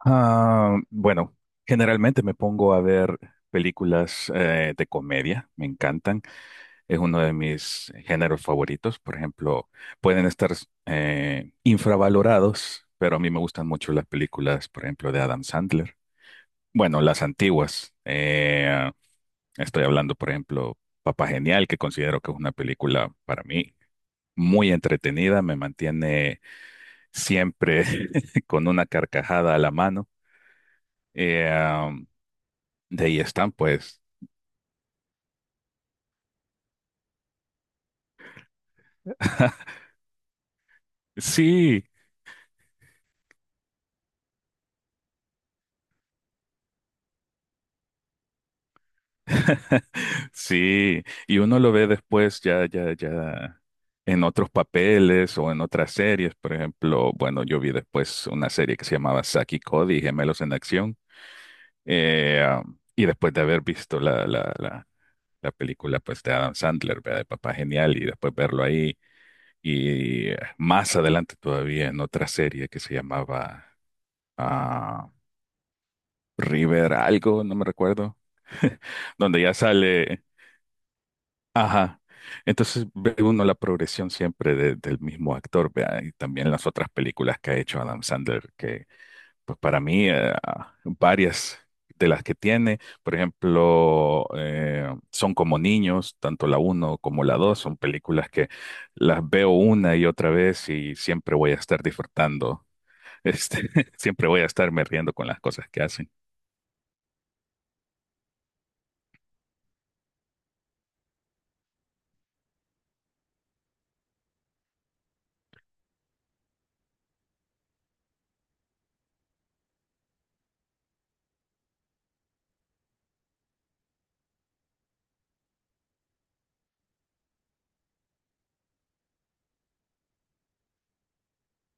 Ah, bueno, generalmente me pongo a ver películas de comedia, me encantan. Es uno de mis géneros favoritos. Por ejemplo, pueden estar infravalorados, pero a mí me gustan mucho las películas, por ejemplo, de Adam Sandler. Bueno, las antiguas. Estoy hablando, por ejemplo, Papá Genial, que considero que es una película para mí muy entretenida, me mantiene siempre con una carcajada a la mano. Eh, De ahí están, pues. Sí, sí. Y uno lo ve después ya en otros papeles o en otras series. Por ejemplo, bueno, yo vi después una serie que se llamaba Saki y Cody, Gemelos en Acción. Y después de haber visto la película, pues, de Adam Sandler, ¿verdad? De Papá Genial, y después verlo ahí. Y más adelante todavía en otra serie que se llamaba ah, River algo, no me recuerdo. Donde ya sale, ajá. Entonces ve uno la progresión siempre del mismo actor, vea, y también las otras películas que ha hecho Adam Sandler, que pues para mí varias de las que tiene, por ejemplo, son como niños, tanto la uno como la 2 son películas que las veo una y otra vez y siempre voy a estar disfrutando, este, siempre voy a estarme riendo con las cosas que hacen.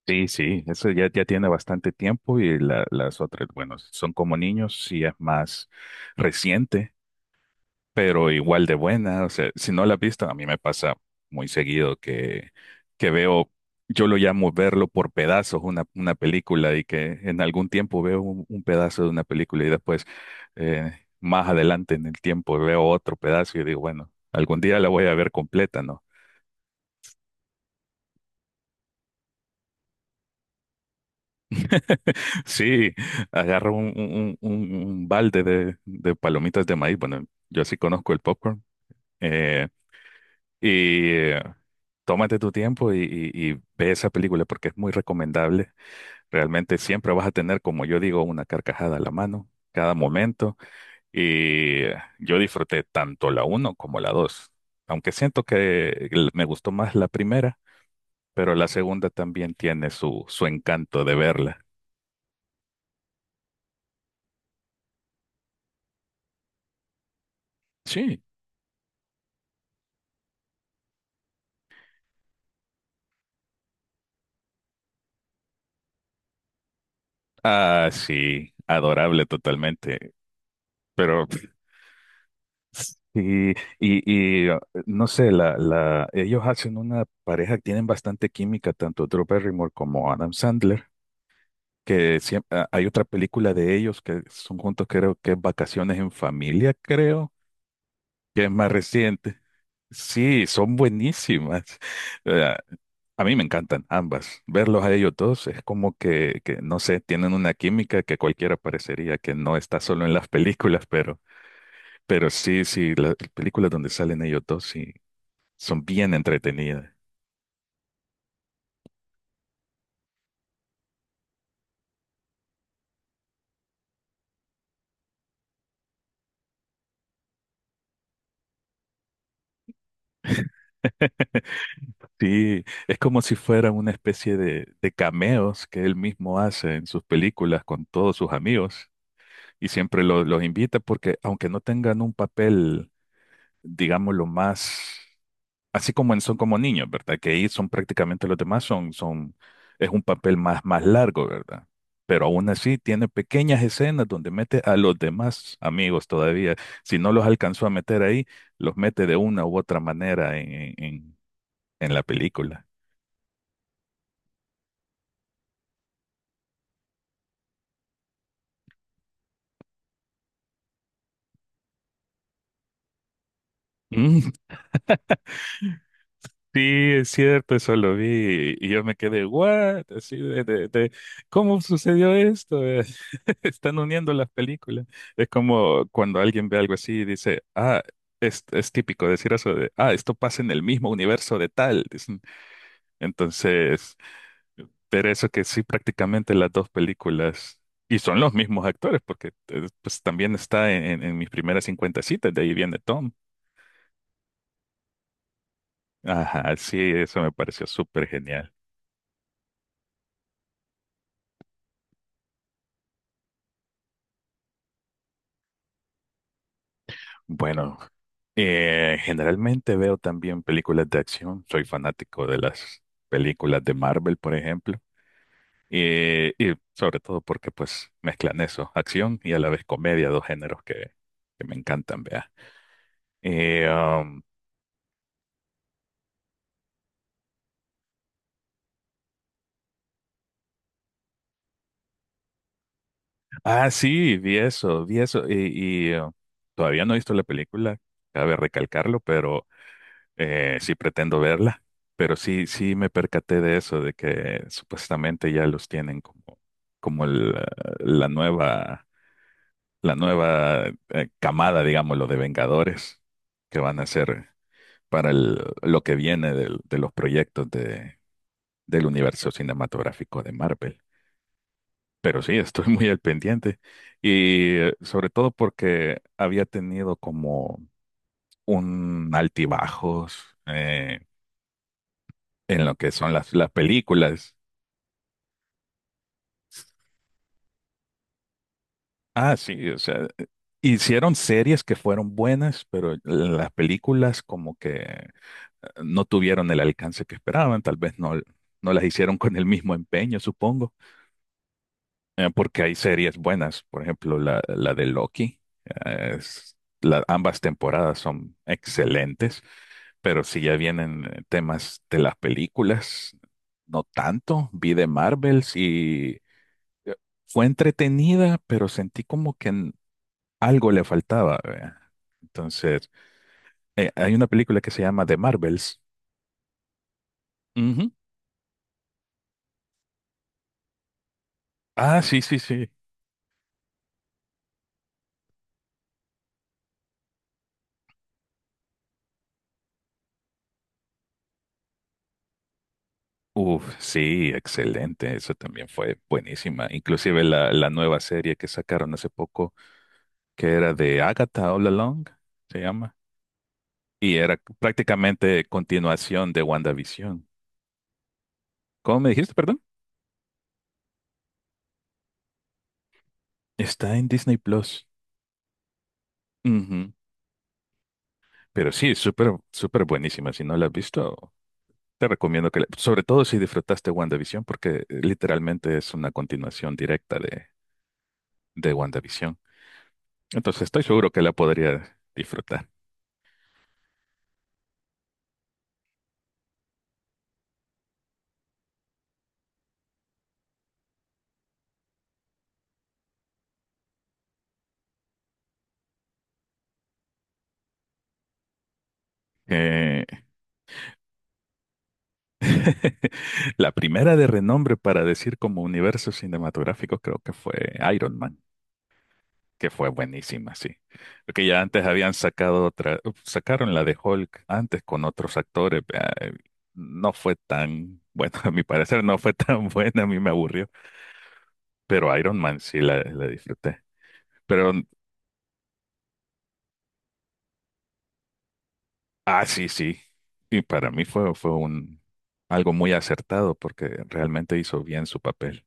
Sí, sí, eso ya tiene bastante tiempo, y las otras, bueno, son como niños, sí es más reciente, pero igual de buena. O sea, si no la has visto, a mí me pasa muy seguido que veo, yo lo llamo verlo por pedazos, una película, y que en algún tiempo veo un pedazo de una película y después más adelante en el tiempo veo otro pedazo y digo, bueno, algún día la voy a ver completa, ¿no? Sí, agarro un balde de palomitas de maíz. Bueno, yo sí conozco el popcorn. eh, y tómate tu tiempo y ve esa película porque es muy recomendable. Realmente siempre vas a tener, como yo digo, una carcajada a la mano, cada momento. Y yo disfruté tanto la uno como la dos. Aunque siento que me gustó más la primera, pero la segunda también tiene su, su encanto de verla. Sí. Ah, sí, adorable totalmente. Pero y, y no sé, la, ellos hacen una pareja que tienen bastante química, tanto Drew Barrymore como Adam Sandler, que hay otra película de ellos que son juntos, creo que es Vacaciones en Familia, creo que es más reciente. Sí, son buenísimas. Eh, a mí me encantan ambas. Verlos a ellos dos es como que, no sé, tienen una química que cualquiera parecería que no está solo en las películas, pero, sí, sí, las películas donde salen ellos dos sí son bien entretenidas. Sí, es como si fuera una especie de cameos que él mismo hace en sus películas con todos sus amigos. Y siempre los invita porque, aunque no tengan un papel, digámoslo, más, así como son como niños, ¿verdad? Que ahí son prácticamente los demás, es un papel más, más largo, ¿verdad? Pero aún así tiene pequeñas escenas donde mete a los demás amigos todavía. Si no los alcanzó a meter ahí, los mete de una u otra manera en la película. Sí, es cierto, eso lo vi y yo me quedé, ¿what? Así ¿cómo sucedió esto? Están uniendo las películas. Es como cuando alguien ve algo así y dice, ah, es típico decir eso de, ah, esto pasa en el mismo universo de tal. Dicen. Entonces, pero eso que sí, prácticamente las dos películas, y son los mismos actores, porque pues también está en, en mis primeras 50 citas, de ahí viene Tom. Ajá, sí, eso me pareció súper genial. Bueno. Generalmente veo también películas de acción. Soy fanático de las películas de Marvel, por ejemplo. Y sobre todo porque pues mezclan eso, acción y a la vez comedia, dos géneros que me encantan, vea. Eh, um, ah, sí, vi eso, vi eso. Todavía no he visto la película, cabe recalcarlo, pero sí pretendo verla. Pero sí, sí me percaté de eso, de que supuestamente ya los tienen como la nueva. la nueva camada, digámoslo, de Vengadores que van a ser para lo que viene de los proyectos del universo cinematográfico de Marvel. Pero sí, estoy muy al pendiente y sobre todo porque había tenido como un altibajos en lo que son las películas. Ah, sí, o sea, hicieron series que fueron buenas, pero las películas como que no tuvieron el alcance que esperaban, tal vez no, no las hicieron con el mismo empeño, supongo, porque hay series buenas, por ejemplo, la de Loki. eh, es- Ambas temporadas son excelentes, pero si ya vienen temas de las películas, no tanto. Vi de Marvels y eh, fue entretenida, pero sentí como que algo le faltaba, ¿verdad? Entonces, hay una película que se llama The Marvels. Ujú. Ah, sí, sí, sí. Uf, sí, excelente. Eso también fue buenísima. Inclusive la nueva serie que sacaron hace poco, que era de Agatha All Along, se llama. Y era prácticamente continuación de WandaVision. ¿Cómo me dijiste, perdón? Está en Disney Plus. Ujú. Pero sí, súper, súper buenísima. Si no la has visto, te recomiendo que la... Sobre todo si disfrutaste WandaVision, porque literalmente es una continuación directa de WandaVision. Entonces estoy seguro que la podría disfrutar. Eh, la primera de renombre para decir como universo cinematográfico creo que fue Iron Man, que fue buenísima, sí. Porque ya antes habían sacado otra, sacaron la de Hulk antes con otros actores, vea. No fue tan, bueno, a mi parecer no fue tan buena, a mí me aburrió. Pero Iron Man sí la disfruté. Pero, ah, sí, sí. Y para mí fue, algo muy acertado porque realmente hizo bien su papel.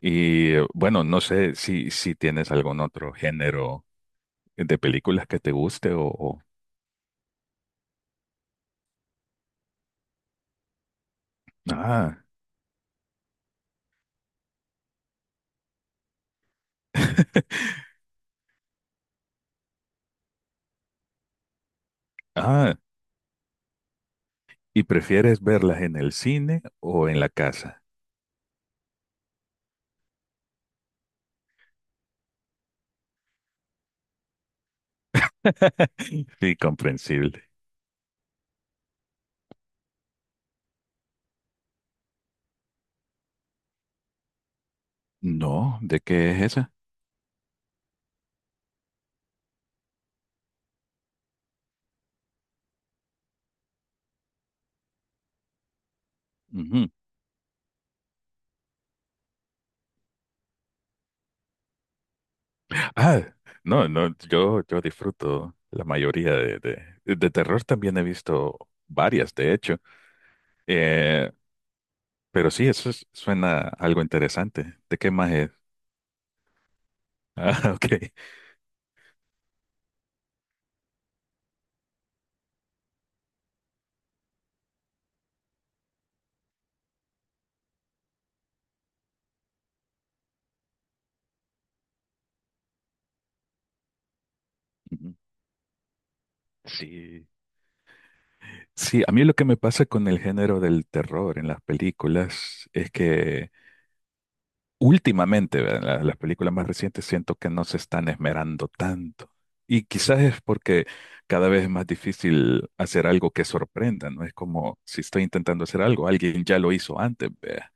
Y bueno, no sé si, si tienes algún otro género de películas que te guste o- Ah, ah, ¿y prefieres verlas en el cine o en la casa? Sí, comprensible. No, ¿de qué es esa? Ujú. Ah, no, no, yo disfruto la mayoría de terror. También he visto varias, de hecho. Eh, pero sí, eso es- suena algo interesante. ¿De qué más es? Ah, ok. Sí, sí, a mí lo que me pasa con el género del terror en las películas es que últimamente, ¿verdad? Las películas más recientes siento que no se están esmerando tanto. Y quizás es porque cada vez es más difícil hacer algo que sorprenda, ¿no? Es como si estoy intentando hacer algo, alguien ya lo hizo antes, ¿vea?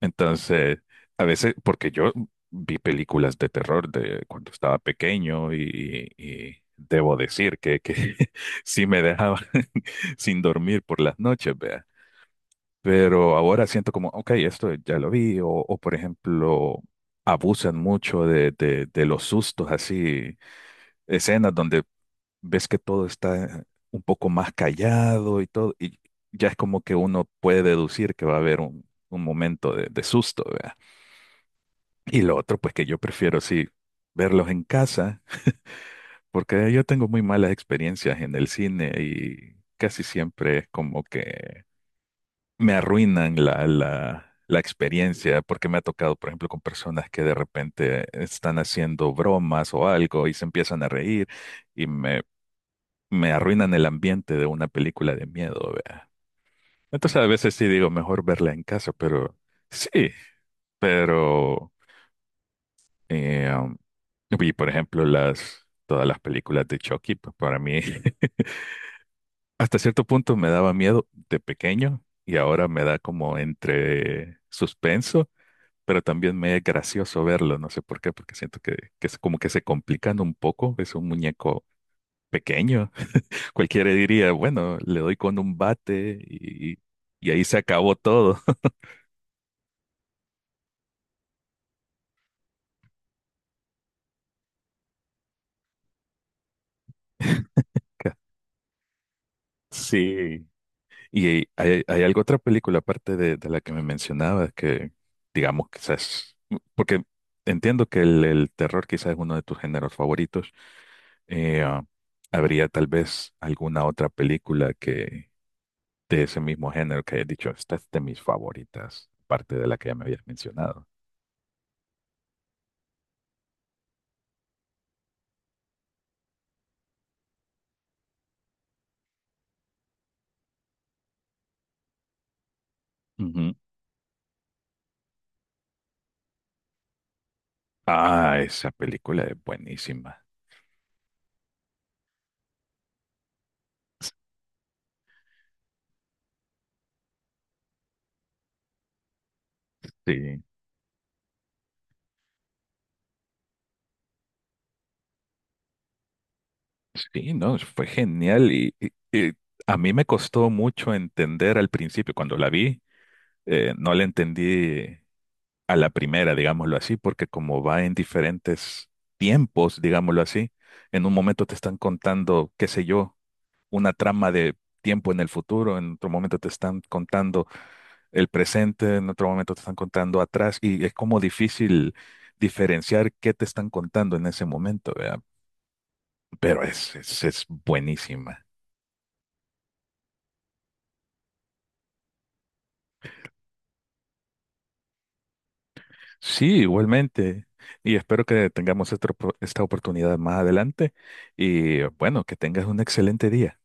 Entonces, a veces, porque yo vi películas de terror de cuando estaba pequeño y debo decir que sí me dejaban sin dormir por las noches, vea. Pero ahora siento como, ok, esto ya lo vi, o por ejemplo, abusan mucho de los sustos, así, escenas donde ves que todo está un poco más callado y todo, y ya es como que uno puede deducir que va a haber un momento de susto, vea. Y lo otro, pues, que yo prefiero, sí, verlos en casa, porque yo tengo muy malas experiencias en el cine y casi siempre es como que me arruinan la experiencia, porque me ha tocado, por ejemplo, con personas que de repente están haciendo bromas o algo y se empiezan a reír y me arruinan el ambiente de una película de miedo, vea. Entonces, a veces sí digo, mejor verla en casa, pero sí, pero... Eh, um, y por ejemplo, todas las películas de Chucky, pues para mí hasta cierto punto me daba miedo de pequeño y ahora me da como entre suspenso, pero también me es gracioso verlo, no sé por qué, porque siento que, es como que, se complican un poco, es un muñeco pequeño. Cualquiera diría, bueno, le doy con un bate y ahí se acabó todo. Sí, y hay algo otra película aparte de la que me mencionabas que, digamos, quizás, porque entiendo que el terror quizás es uno de tus géneros favoritos. eh, ah, ¿Habría tal vez alguna otra película que, de ese mismo género, que hayas dicho, esta es de mis favoritas, aparte de la que ya me habías mencionado? Ujú. Ah, esa película es buenísima. Sí, sí, no, fue genial y a mí me costó mucho entender al principio cuando la vi. No le entendí a la primera, digámoslo así, porque como va en diferentes tiempos, digámoslo así, en un momento te están contando, qué sé yo, una trama de tiempo en el futuro, en otro momento te están contando el presente, en otro momento te están contando atrás, y es como difícil diferenciar qué te están contando en ese momento, ¿verdad? Pero es buenísima. Sí, igualmente. Y espero que tengamos esta, esta oportunidad más adelante. Y bueno, que tengas un excelente día.